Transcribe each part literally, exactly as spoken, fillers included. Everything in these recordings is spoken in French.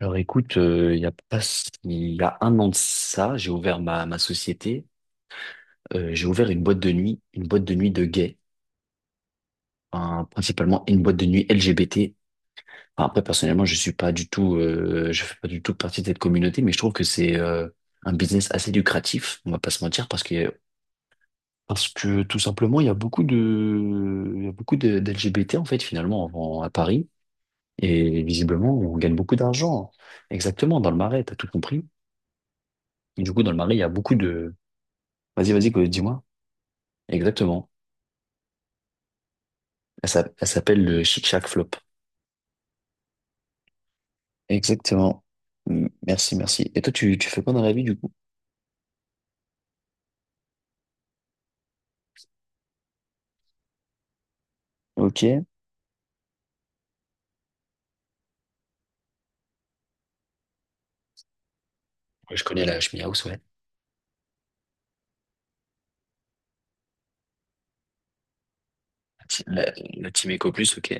Alors écoute, euh, il y a pas, si- il y a un an de ça, j'ai ouvert ma, ma société, euh, j'ai ouvert une boîte de nuit, une boîte de nuit de gays, enfin, principalement une boîte de nuit L G B T. Enfin, après personnellement, je suis pas du tout, euh, je fais pas du tout partie de cette communauté, mais je trouve que c'est euh, un business assez lucratif, on va pas se mentir, parce que parce que tout simplement, il y a beaucoup de, il y a beaucoup de, d'L G B T en fait finalement en- à Paris, et visiblement on gagne beaucoup d'argent. Exactement, dans le Marais, t'as tout compris. Et du coup, dans le Marais, il y a beaucoup de. Vas-y, vas-y, que- dis-moi. Exactement. Elle s'app- elle s'appelle le Chic Chac Flop. Exactement. M- Merci, merci. Et toi, tu, tu fais quoi dans la vie, du coup? Ok. Ouais, je connais la Ch'mi House, ouais. La, la Team Eco Plus, ok.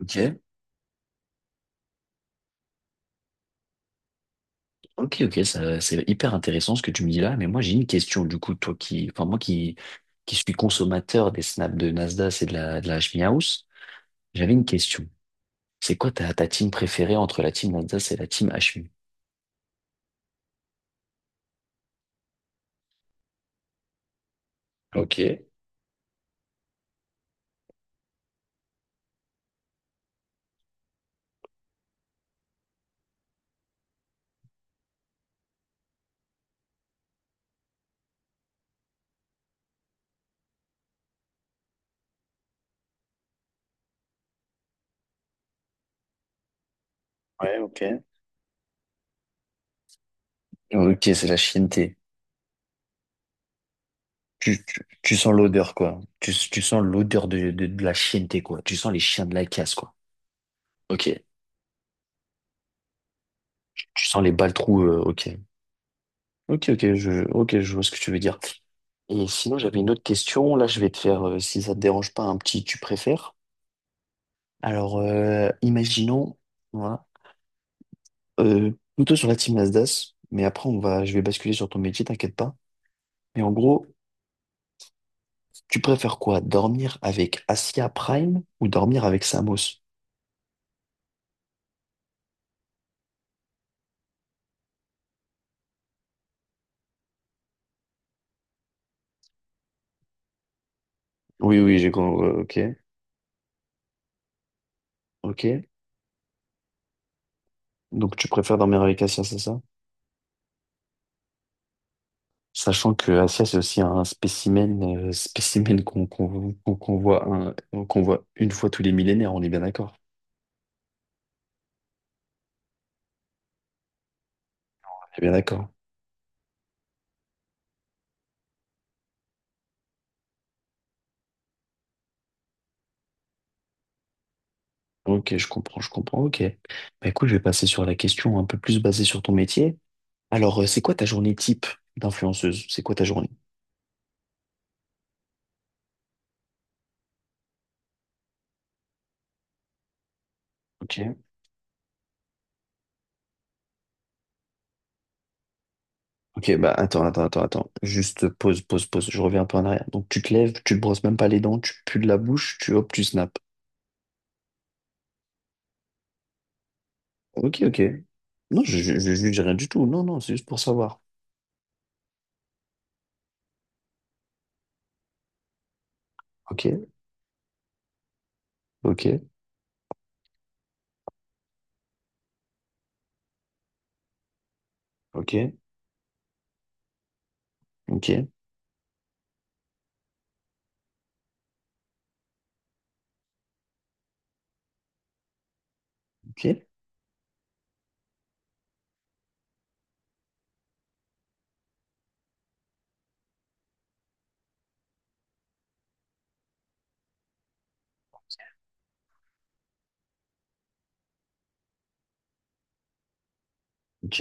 Ok. Ok, ok, ça, c'est hyper intéressant ce que tu me dis là, mais moi j'ai une question du coup, toi qui, enfin moi qui, qui suis consommateur des snaps de Nasdaq et de la, de la H M I House, j'avais une question. C'est quoi ta, ta team préférée entre la team Nasdaq et la team H M I? Ok. Ouais, ok. Ok, c'est la chienneté. Tu, tu, tu sens l'odeur, quoi. Tu, tu sens l'odeur de, de, de la chienneté, quoi. Tu sens les chiens de la casse, quoi. Ok. Tu sens les balles trous, euh, ok. Ok, ok, je, ok, je vois ce que tu veux dire. Et sinon, j'avais une autre question. Là, je vais te faire, euh, si ça te dérange pas, un petit tu préfères. Alors, euh, imaginons, voilà, euh, plutôt sur la team Nasdaq, mais après, on va, je vais basculer sur ton métier, t'inquiète pas. Mais en gros, tu préfères quoi? Dormir avec Asia Prime ou dormir avec Samos? Oui, oui, j'ai compris. Ok, ok. Donc tu préfères dormir avec Asia, c'est ça? Sachant que Asia, c'est aussi un spécimen, euh, spécimen qu'on qu'on qu'on- qu'on voit un- qu'on voit une fois tous les millénaires, on est bien d'accord. On est bien d'accord. Ok, je comprends, je comprends, ok. Bah écoute, je vais passer sur la question un peu plus basée sur ton métier. Alors, euh, c'est quoi ta journée type d'influenceuse? C'est quoi ta journée? Ok. Ok, bah attends, attends, attends, attends. Juste pause, pause, pause. Je reviens un peu en arrière. Donc tu te lèves, tu te brosses même pas les dents, tu pues de la bouche, tu hop, tu snaps. Ok, ok. Non, je je je juge rien du tout. Non, non, c'est juste pour savoir. Ok, ok, ok, ok, ok, ok.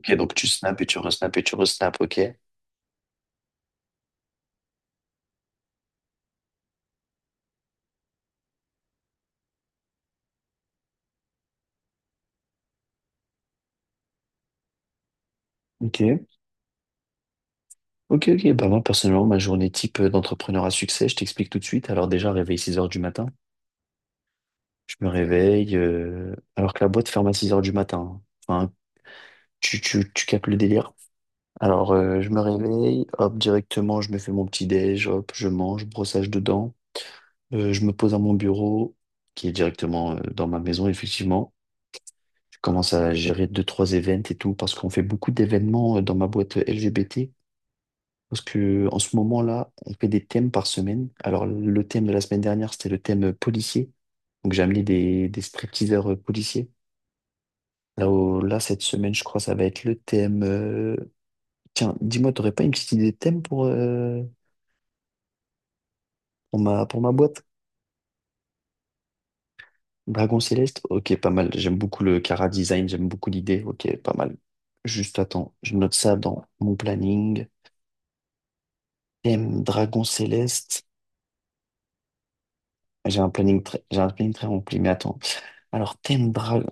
Ok, donc tu snaps et tu resnaps et tu resnaps, ok. Ok, ok, ok. Bah moi, personnellement, ma journée type euh, d'entrepreneur à succès, je t'explique tout de suite. Alors déjà, réveil six heures du matin. Je me réveille, euh, alors que la boîte ferme à six heures du matin, hein. Enfin, tu, tu, tu captes le délire. Alors, euh, je me réveille, hop, directement, je me fais mon petit déj, hop, je mange, brossage de dents. Euh, je me pose à mon bureau, qui est directement euh, dans ma maison, effectivement. Je commence à gérer deux, trois événements et tout, parce qu'on fait beaucoup d'événements euh, dans ma boîte L G B T. Parce que en ce moment-là, on fait des thèmes par semaine. Alors, le thème de la semaine dernière, c'était le thème euh, policier. Donc, j'ai amené des, des stripteaseurs euh, policiers. Là, au- là, cette semaine, je crois, ça va être le thème. euh, Tiens, dis-moi, t'aurais pas une petite idée de thème pour, euh, pour ma, pour ma boîte? Dragon Céleste, ok, pas mal. J'aime beaucoup le Cara design, j'aime beaucoup l'idée, ok, pas mal. Juste attends, je note ça dans mon planning. Thème Dragon Céleste. J'ai un planning très, j'ai un planning très rempli, mais attends. Alors, thème Dragon,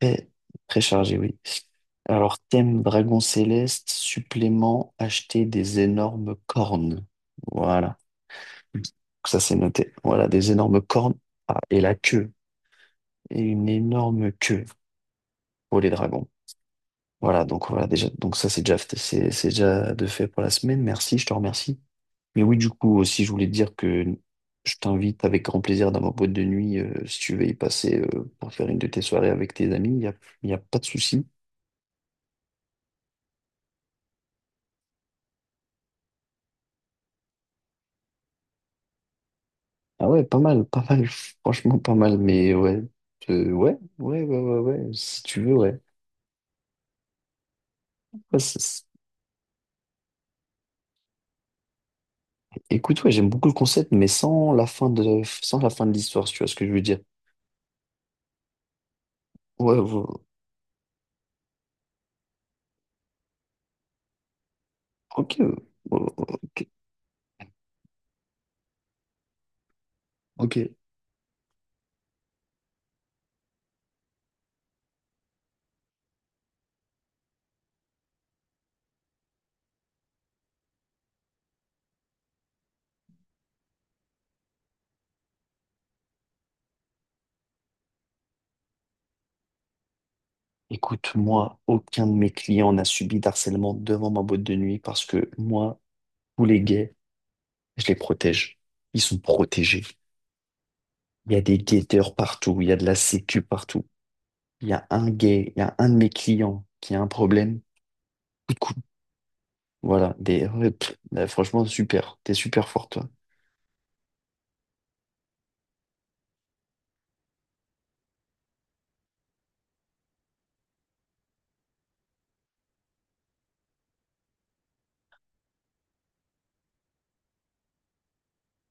très, très chargé, oui. Alors, thème Dragon Céleste, supplément, acheter des énormes cornes. Voilà. Ça, c'est noté. Voilà, des énormes cornes. Ah, et la queue. Et une énorme queue pour les dragons. Voilà, donc voilà, déjà, donc ça c'est déjà, fait- c'est c'est déjà de fait pour la semaine. Merci, je te remercie. Mais oui, du coup, aussi, je voulais te dire que je t'invite avec grand plaisir dans ma boîte de nuit euh, si tu veux y passer euh, pour faire une de tes soirées avec tes amis. Il n'y a, y a pas de souci. Ah ouais, pas mal, pas mal, franchement pas mal, mais ouais. Euh, ouais, ouais, ouais, ouais, ouais, si tu veux, ouais. Ouais, c'est- c'est- Écoute, ouais, j'aime beaucoup le concept, mais sans la fin de, sans la fin de l'histoire, si tu vois ce que je veux dire. Ouais, ouais, ok, ouais, ouais, ok, ok. Écoute, moi, aucun de mes clients n'a subi d'harcèlement devant ma boîte de nuit parce que moi, tous les gays, je les protège. Ils sont protégés. Il y a des guetteurs partout, il y a de la sécu partout. Il y a un gay, il y a un de mes clients qui a un problème. Coup de coude. Voilà, des, ouais, pff, là, franchement, super. T'es super fort, toi.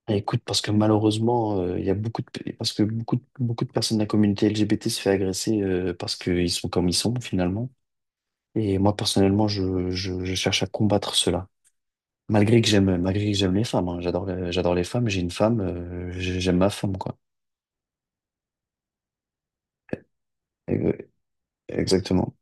Et écoute, parce que malheureusement, euh, il y a beaucoup de, parce que beaucoup de, beaucoup de personnes de la communauté L G B T se fait agresser euh, parce qu'ils sont comme ils sont, finalement. Et moi, personnellement, je, je je cherche à combattre cela. Malgré que j'aime, malgré que j'aime les femmes, hein, j'adore, le- j'adore les femmes, j'ai une femme, euh, j'ai- j'aime ma femme, quoi. Euh, Exactement.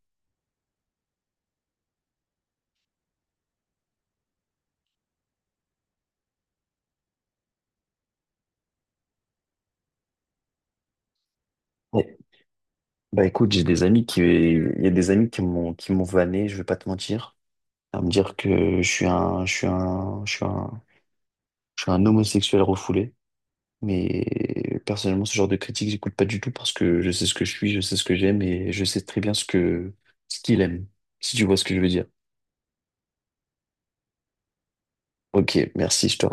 Ouais. Bah écoute, j'ai des amis qui, il y a des amis qui m'ont, qui m'ont vanné, je vais pas te mentir, à me dire que je suis un, je suis un, je suis un, je suis un homosexuel refoulé. Mais personnellement, ce genre de critique, j'écoute pas du tout parce que je sais ce que je suis, je sais ce que j'aime et je sais très bien ce que, ce qu'il aime, si tu vois ce que je veux dire. Ok, merci, je te.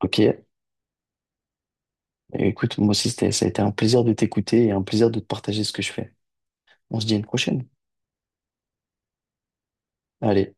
Ok. Et écoute, moi aussi, c'était, ça a été un plaisir de t'écouter et un plaisir de te partager ce que je fais. On se dit à une prochaine. Allez.